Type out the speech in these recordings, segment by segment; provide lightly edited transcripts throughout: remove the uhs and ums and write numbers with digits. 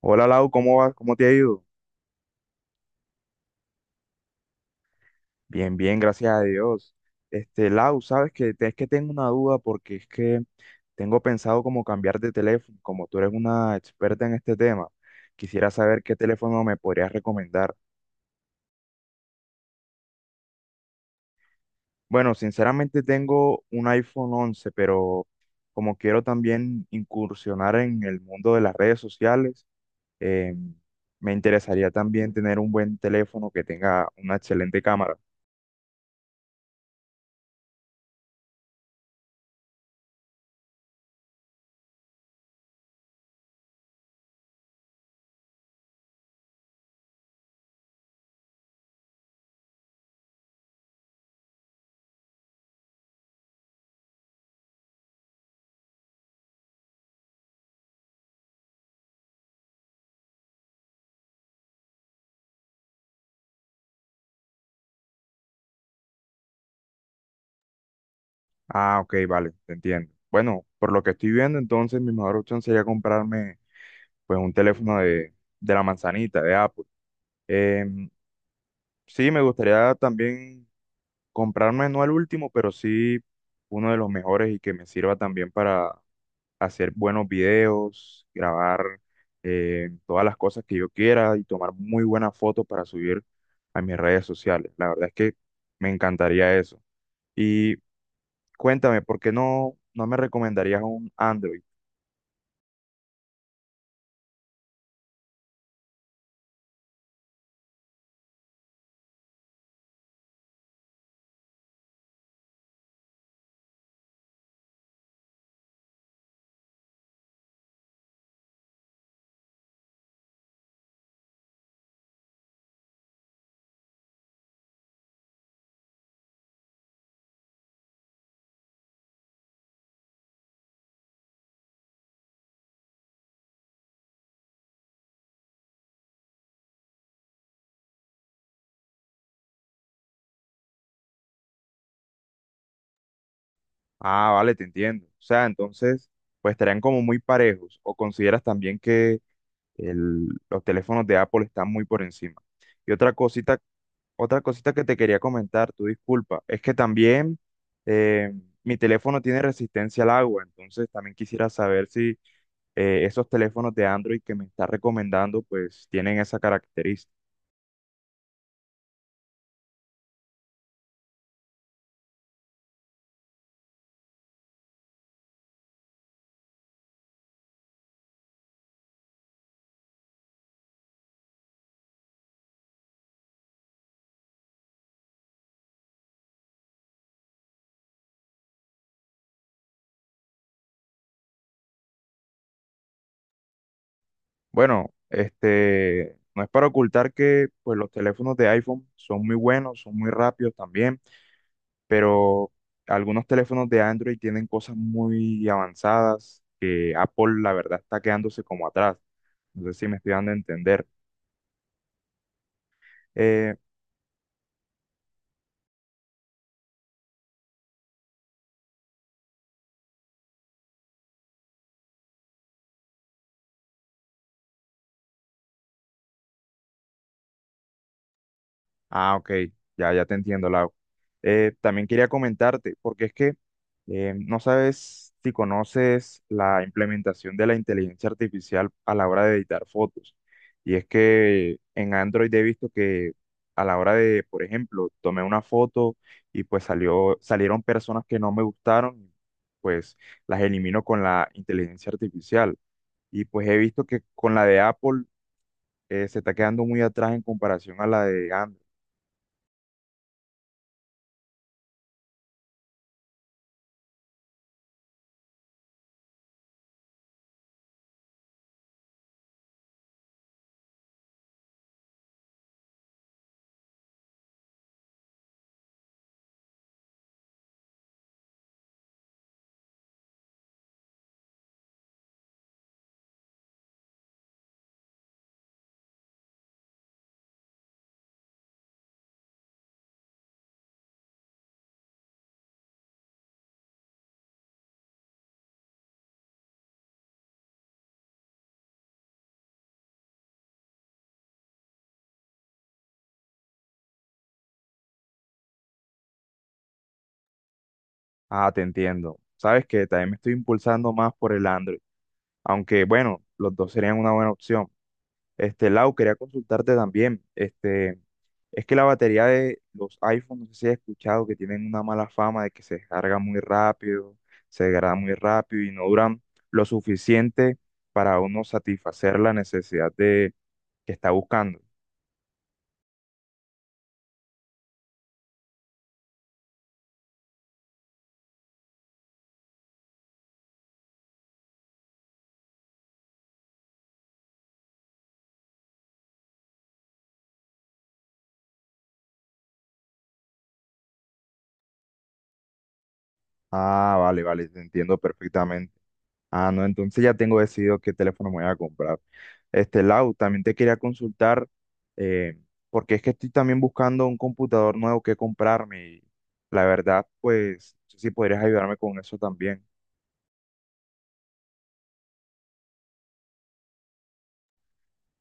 Hola Lau, ¿cómo vas? ¿Cómo te ha ido? Bien, bien, gracias a Dios. Este, Lau, es que tengo una duda porque es que tengo pensado como cambiar de teléfono, como tú eres una experta en este tema. Quisiera saber qué teléfono me podrías recomendar. Bueno, sinceramente tengo un iPhone 11, pero como quiero también incursionar en el mundo de las redes sociales, eh, me interesaría también tener un buen teléfono que tenga una excelente cámara. Ah, ok, vale, te entiendo. Bueno, por lo que estoy viendo, entonces mi mejor opción sería comprarme pues un teléfono de la manzanita, de Apple. Em, sí, me gustaría también comprarme, no el último, pero sí uno de los mejores y que me sirva también para hacer buenos videos, grabar todas las cosas que yo quiera y tomar muy buenas fotos para subir a mis redes sociales. La verdad es que me encantaría eso. Y cuéntame, ¿por qué no me recomendarías un Android? Ah, vale, te entiendo. O sea, entonces, pues estarían como muy parejos. ¿O consideras también que los teléfonos de Apple están muy por encima? Y otra cosita que te quería comentar, tu disculpa, es que también eh, mi teléfono tiene resistencia al agua. Entonces, también quisiera saber si esos teléfonos de Android que me estás recomendando, pues tienen esa característica. Bueno, este, no es para ocultar que pues los teléfonos de iPhone son muy buenos, son muy rápidos también, pero algunos teléfonos de Android tienen cosas muy avanzadas que Apple, la verdad, está quedándose como atrás. No sé si me estoy dando a entender. Eh, Ah, ok, ya, ya te entiendo, Lau. También quería comentarte, porque es que no sabes si conoces la implementación de la inteligencia artificial a la hora de editar fotos. Y es que en Android he visto que a la hora de, por ejemplo, tomé una foto y pues salieron personas que no me gustaron, pues las elimino con la inteligencia artificial. Y pues he visto que con la de Apple se está quedando muy atrás en comparación a la de Android. Ah, te entiendo. Sabes que también me estoy impulsando más por el Android, aunque bueno, los dos serían una buena opción. Este, Lau, quería consultarte también. Este, es que la batería de los iPhones, no sé si has escuchado que tienen una mala fama de que se descarga muy rápido, se degrada muy rápido y no duran lo suficiente para uno satisfacer la necesidad de que está buscando. Ah, vale, vale, te entiendo perfectamente. Ah, no, entonces ya tengo decidido qué teléfono me voy a comprar. Este, Lau, también te quería consultar, eh, porque es que estoy también buscando un computador nuevo que comprarme y la verdad, pues, no sé si podrías ayudarme con eso también.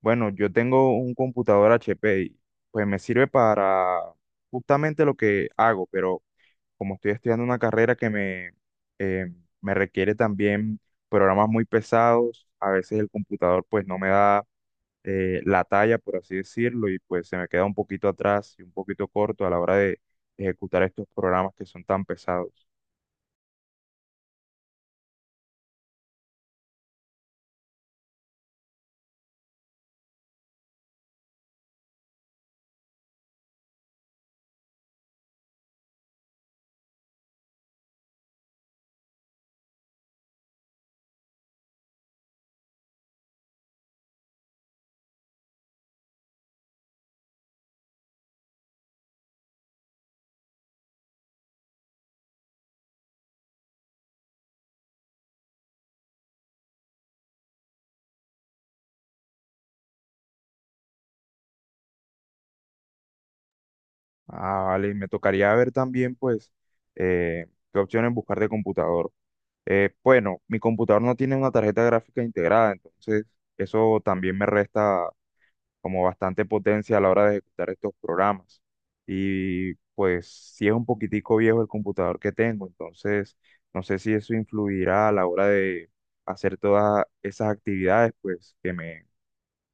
Bueno, yo tengo un computador HP y pues me sirve para justamente lo que hago, pero como estoy estudiando una carrera que me, eh, me requiere también programas muy pesados, a veces el computador pues no me da la talla, por así decirlo, y pues se me queda un poquito atrás y un poquito corto a la hora de ejecutar estos programas que son tan pesados. Ah, vale, y me tocaría ver también, pues, eh, qué opciones buscar de computador. Bueno, mi computador no tiene una tarjeta gráfica integrada, entonces eso también me resta como bastante potencia a la hora de ejecutar estos programas. Y pues sí es un poquitico viejo el computador que tengo, entonces no sé si eso influirá a la hora de hacer todas esas actividades pues que me,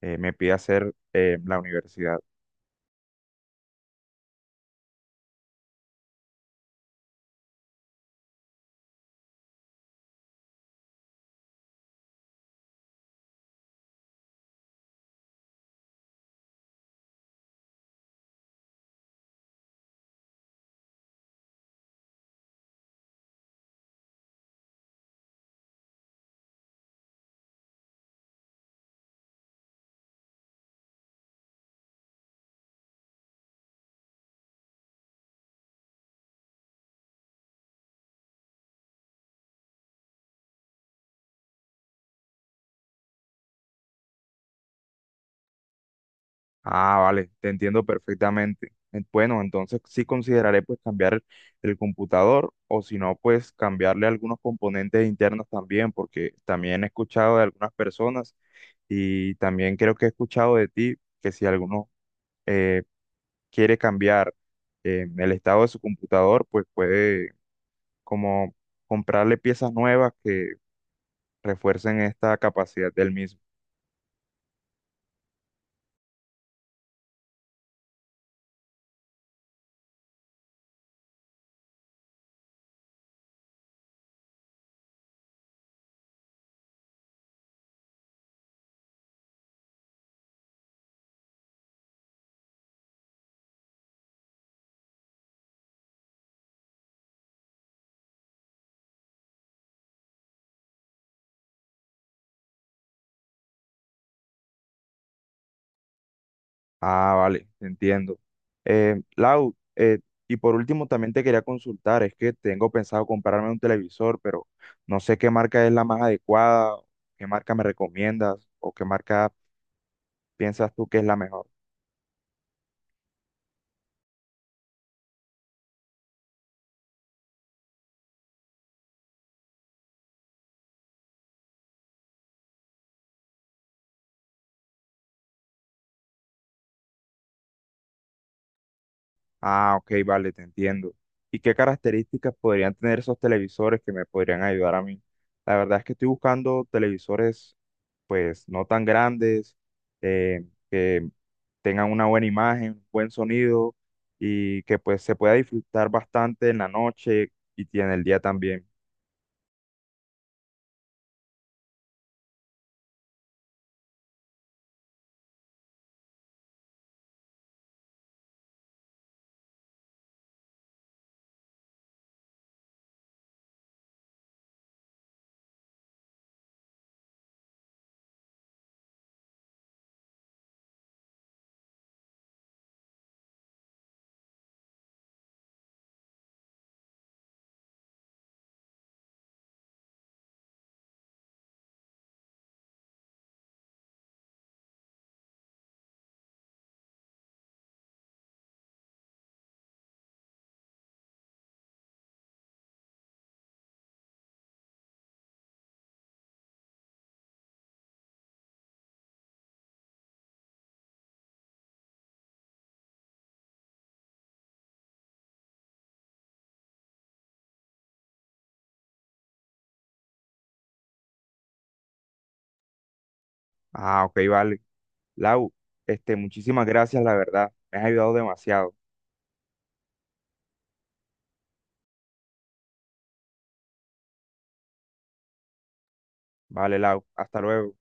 me pide hacer la universidad. Ah, vale, te entiendo perfectamente. Bueno, entonces sí consideraré pues cambiar el computador o si no pues cambiarle algunos componentes internos también, porque también he escuchado de algunas personas. Y también creo que he escuchado de ti que si alguno eh, quiere cambiar el estado de su computador, pues puede como comprarle piezas nuevas que refuercen esta capacidad del mismo. Ah, vale, entiendo. Lau, y por último también te quería consultar, es que tengo pensado comprarme un televisor, pero no sé qué marca es la más adecuada, qué marca me recomiendas o qué marca piensas tú que es la mejor. Ah, ok, vale, te entiendo. ¿Y qué características podrían tener esos televisores que me podrían ayudar a mí? La verdad es que estoy buscando televisores, pues, no tan grandes, que tengan una buena imagen, buen sonido y que, pues, se pueda disfrutar bastante en la noche y en el día también. Ah, ok, vale. Lau, este, muchísimas gracias, la verdad. Me has ayudado demasiado. Vale, Lau, hasta luego.